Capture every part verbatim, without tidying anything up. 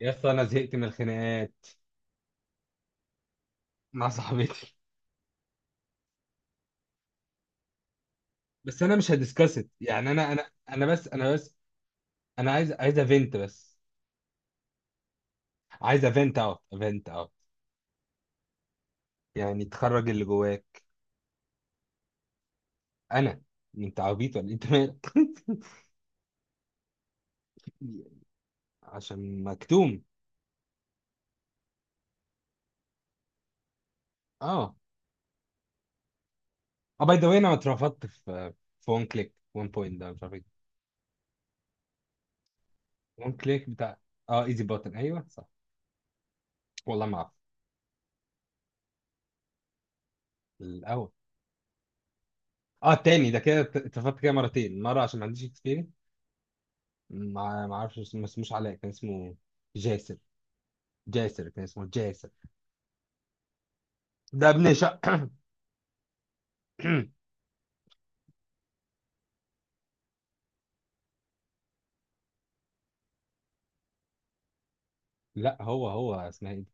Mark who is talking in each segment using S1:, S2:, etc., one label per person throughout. S1: يا اسطى انا زهقت من الخناقات مع صاحبتي. بس انا مش هديسكاس يعني، انا انا انا بس انا بس انا عايز عايز افنت بس. عايز افنت اوت افنت اوت. يعني تخرج اللي جواك. انا. انت عبيط ولا إيه؟ انت مالك؟ عشان مكتوم. اه اه باي ذا واي انا اترفضت في في وان كليك وان بوينت، ده مش عارف ايه. وان كليك بتاع. اه ايزي بوتن، ايوه صح. والله ما اعرف. الاول. اه التاني، ده كده اترفضت كده مرتين، مره عشان ما عنديش experience. ما ما اعرفش اسمه- ما اسموش علاء، كان اسمه جاسر. جاسر كان اسمه جاسر. ده ابن شا لا هو هو اسمها ايه دي.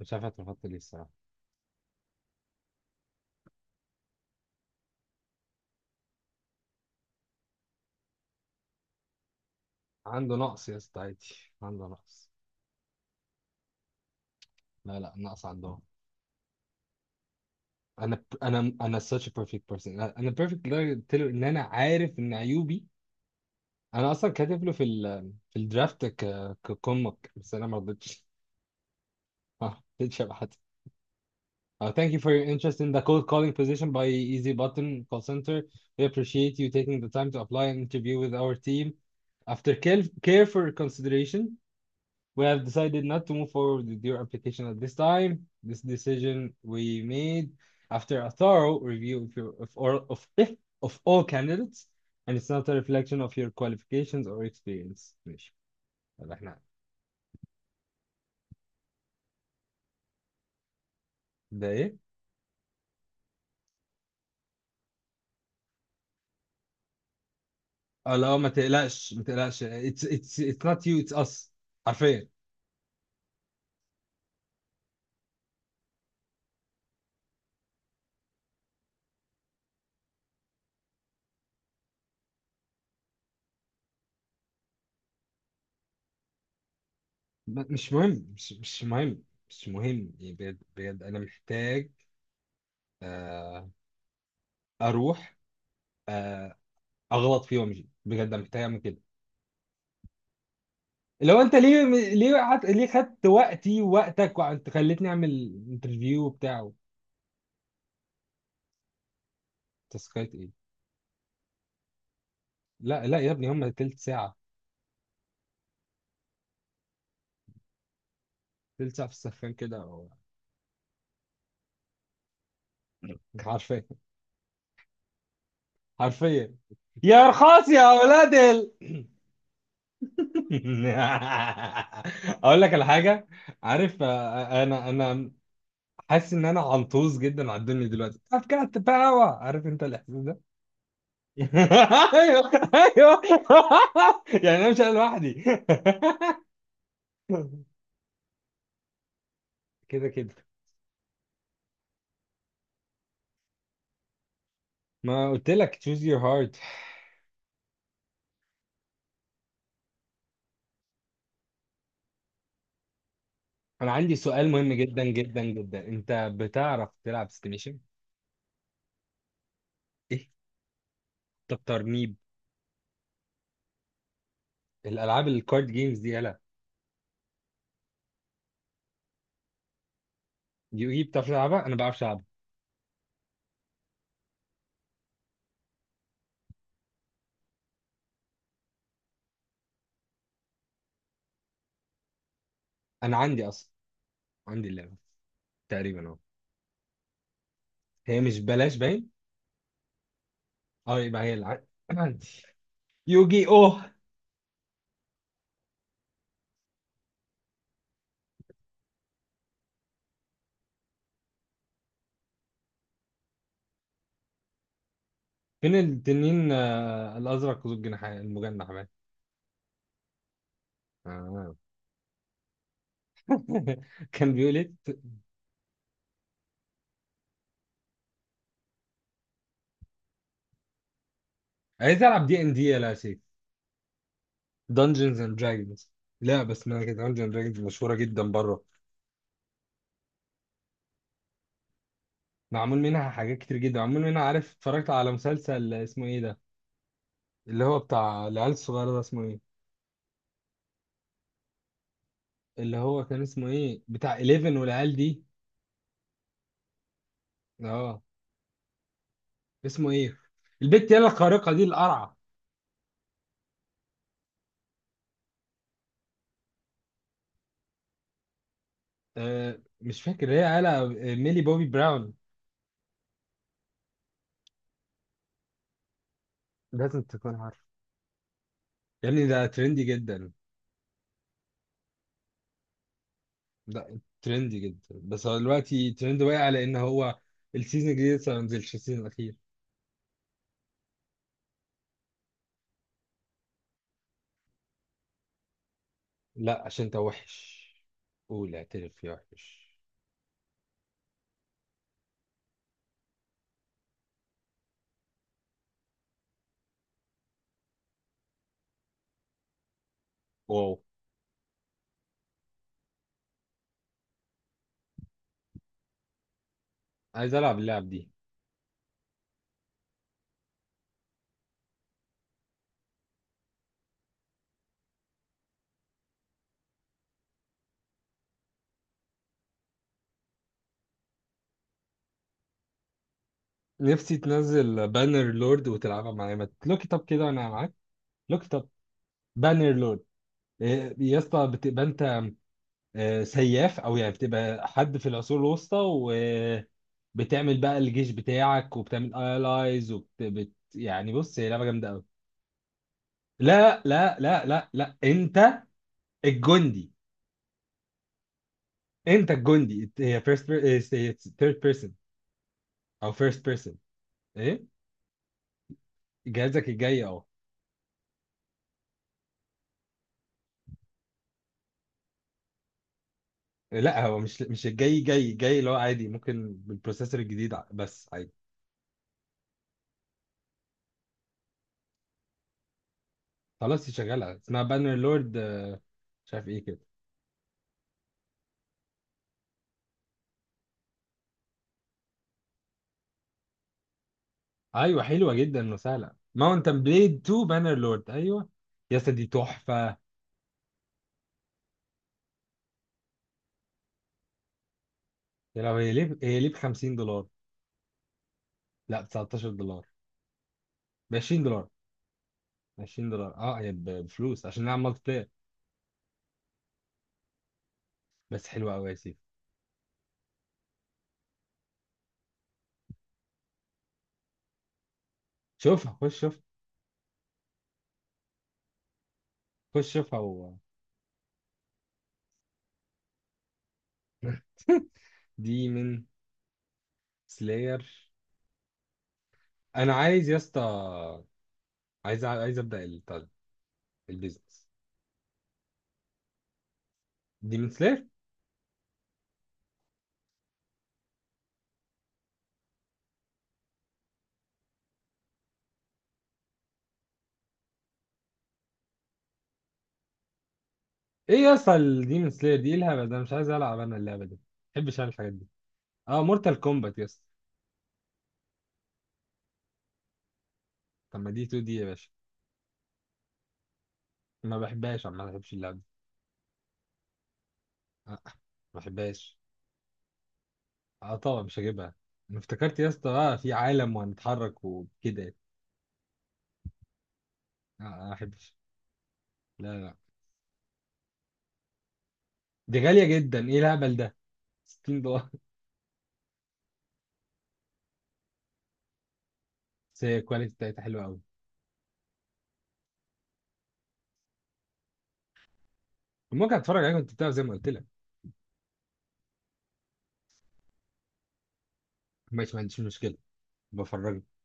S1: مش عارف اترفضت ليه الصراحه. عنده نقص يا اسطى، عادي. عنده نقص. لا لا، نقص عندهم. انا انا انا such a perfect person. انا أنا perfect لدرجه قلت له ان انا عارف ان عيوبي. انا اصلا كاتب له في ال في الدرافت ك ككمك، بس انا ما رضيتش. ما رضيتش ابعت. Uh, thank you for your interest in the cold calling position by Easy Button Call Center. We appreciate you taking the time to apply and interview with our team. After care careful consideration, we have decided not to move forward with your application at this time. This decision we made after a thorough review of your of all of, of all candidates, and it's not a reflection of your qualifications or experience. ماشي. يلا احنا. ده ايه؟ اه لا، ما تقلقش ما تقلقش، it's it's it's not you, it's us. حرفيا. ب- مش مهم، مش مش مهم. مش مهم يعني، بجد بجد انا محتاج. آه. اروح. آه. اغلط فيه وامشي، بجد انا محتاج اعمل كده. لو انت ليه، ليه قعدت- ليه خدت وقتي ووقتك وانت خليتني اعمل انترفيو وبتاع. تسكايت ايه؟ لا لا يا ابني، هم تلت ساعه. تلت ساعه في السخان كده أو- حرفيا. حرفيا. يا رخاص يا اولاد ال اقول لك على حاجه. عارف، آه، آه، انا انا حاسس ان انا عنطوز جدا على الدنيا دلوقتي. I've got the power. عارف انت الاحساس ده؟ ايوه ايوه. يعني انا مش انا لوحدي. كده كده. ما قلت لك choose your heart. انا عندي سؤال مهم جدا جدا جدا، انت بتعرف تلعب ستيميشن؟ ايه؟ طب ترنيب؟ الالعاب الكارد جيمز دي، يلا. يو اي بتعرف تلعبها، انا ما بعرفش العبها. انا عندي اصلا، عندي اللعبه تقريبا اهو. هي مش بلاش باين. اه يبقى هي الع... عندي يوجي اوه. فين التنين، آه، الازرق ذو الجناح المجنح بقى؟ آه. كان بيقول ايه؟ عايز العب دي ان دي يا سيف. دنجنز اند دراجونز. لعبه اسمها كده دنجنز اند دراجونز، مشهوره جدا بره. معمول منها حاجات كتير جدا، معمول منها، عارف اتفرجت على مسلسل اسمه ايه ده؟ اللي هو بتاع العيال الصغيره ده، اسمه ايه؟ اللي هو كان اسمه ايه، بتاع إليفن والعيال دي. اه. اسمه ايه البت يلا الخارقه دي القرعه. آه مش فاكر، هي قالها ميلي بوبي براون. لازم تكون عارف. يا ابني ده ترندي جدا. ده ترندي جدا، بس هو دلوقتي ترند واقع لان هو السيزون الجديد لسه ما نزلش، السيزون الاخير. لا، عشان انت وحش. قول اعترف يا وحش. واو. عايز العب اللعب دي. نفسي تنزل بانر لورد وتلعبها معايا، ما لوك اب كده وانا معاك. لوك اب. بانر لورد. إيه، يا اسطى بتبقى انت آه، سياف، او يعني بتبقى حد في العصور الوسطى. وبتعمل بقى الجيش بتاعك، وبتعمل الايز، وبت بت- يعني بص هي لعبه جامده قوي. لا لا لا لا لا، انت الجندي. انت الجندي، هي فيرست. ثيرد بيرسون او فيرست بيرسون. ايه. جهازك الجاي اهو. لا هو مش مش الجاي، جاي جاي اللي هو عادي، ممكن بالبروسيسور الجديد ع- بس عادي. خلاص دي شغاله، اسمها بانر لورد. مش عارف ايه كده. ايوه حلوه جدا وسهله، ماونتن بليد تو بانر لورد، ايوه. يا اسطى دي تحفه. يا لو هي ليه هي ليه ب خمسين دولار. لا ب تسعة عشر دولار. ب عشرين دولار. عشرين دولار، اه هي ب- بفلوس عشان نلعب مالتي بلاير. بس حلوة أوي يا سيف. شوفها، خش شوف. خش شوفها و... دي من سلاير. انا عايز يا اسطى، عايز عايز ابدا ال- البيزنس. دي من سلاير. ايه يا اسطى، دي من سلاير، دي إيه الهبل ده، مش عايز العب انا اللعبه دي، ما بحبش انا الحاجات دي. اه مورتال كومبات يا اسطى. طب ما دي اتنين دي يا باشا. ما بحبهاش عم، ما بحبش اللعبه دي. آه. ما بحبهاش. اه طبعا مش هجيبها. انا افتكرت يا اسطى، اه في عالم وهنتحرك وكده. آه آه، ما بحبش. لا لا. دي غاليه جدا، ايه الهبل ده. ستين. بس هي الكواليتي بتاعتها حلوه قوي. ممكن اتفرج عليها، كنت بتعرف زي ما قلت لك. ماشي، ما عنديش مشكله. بفرجك.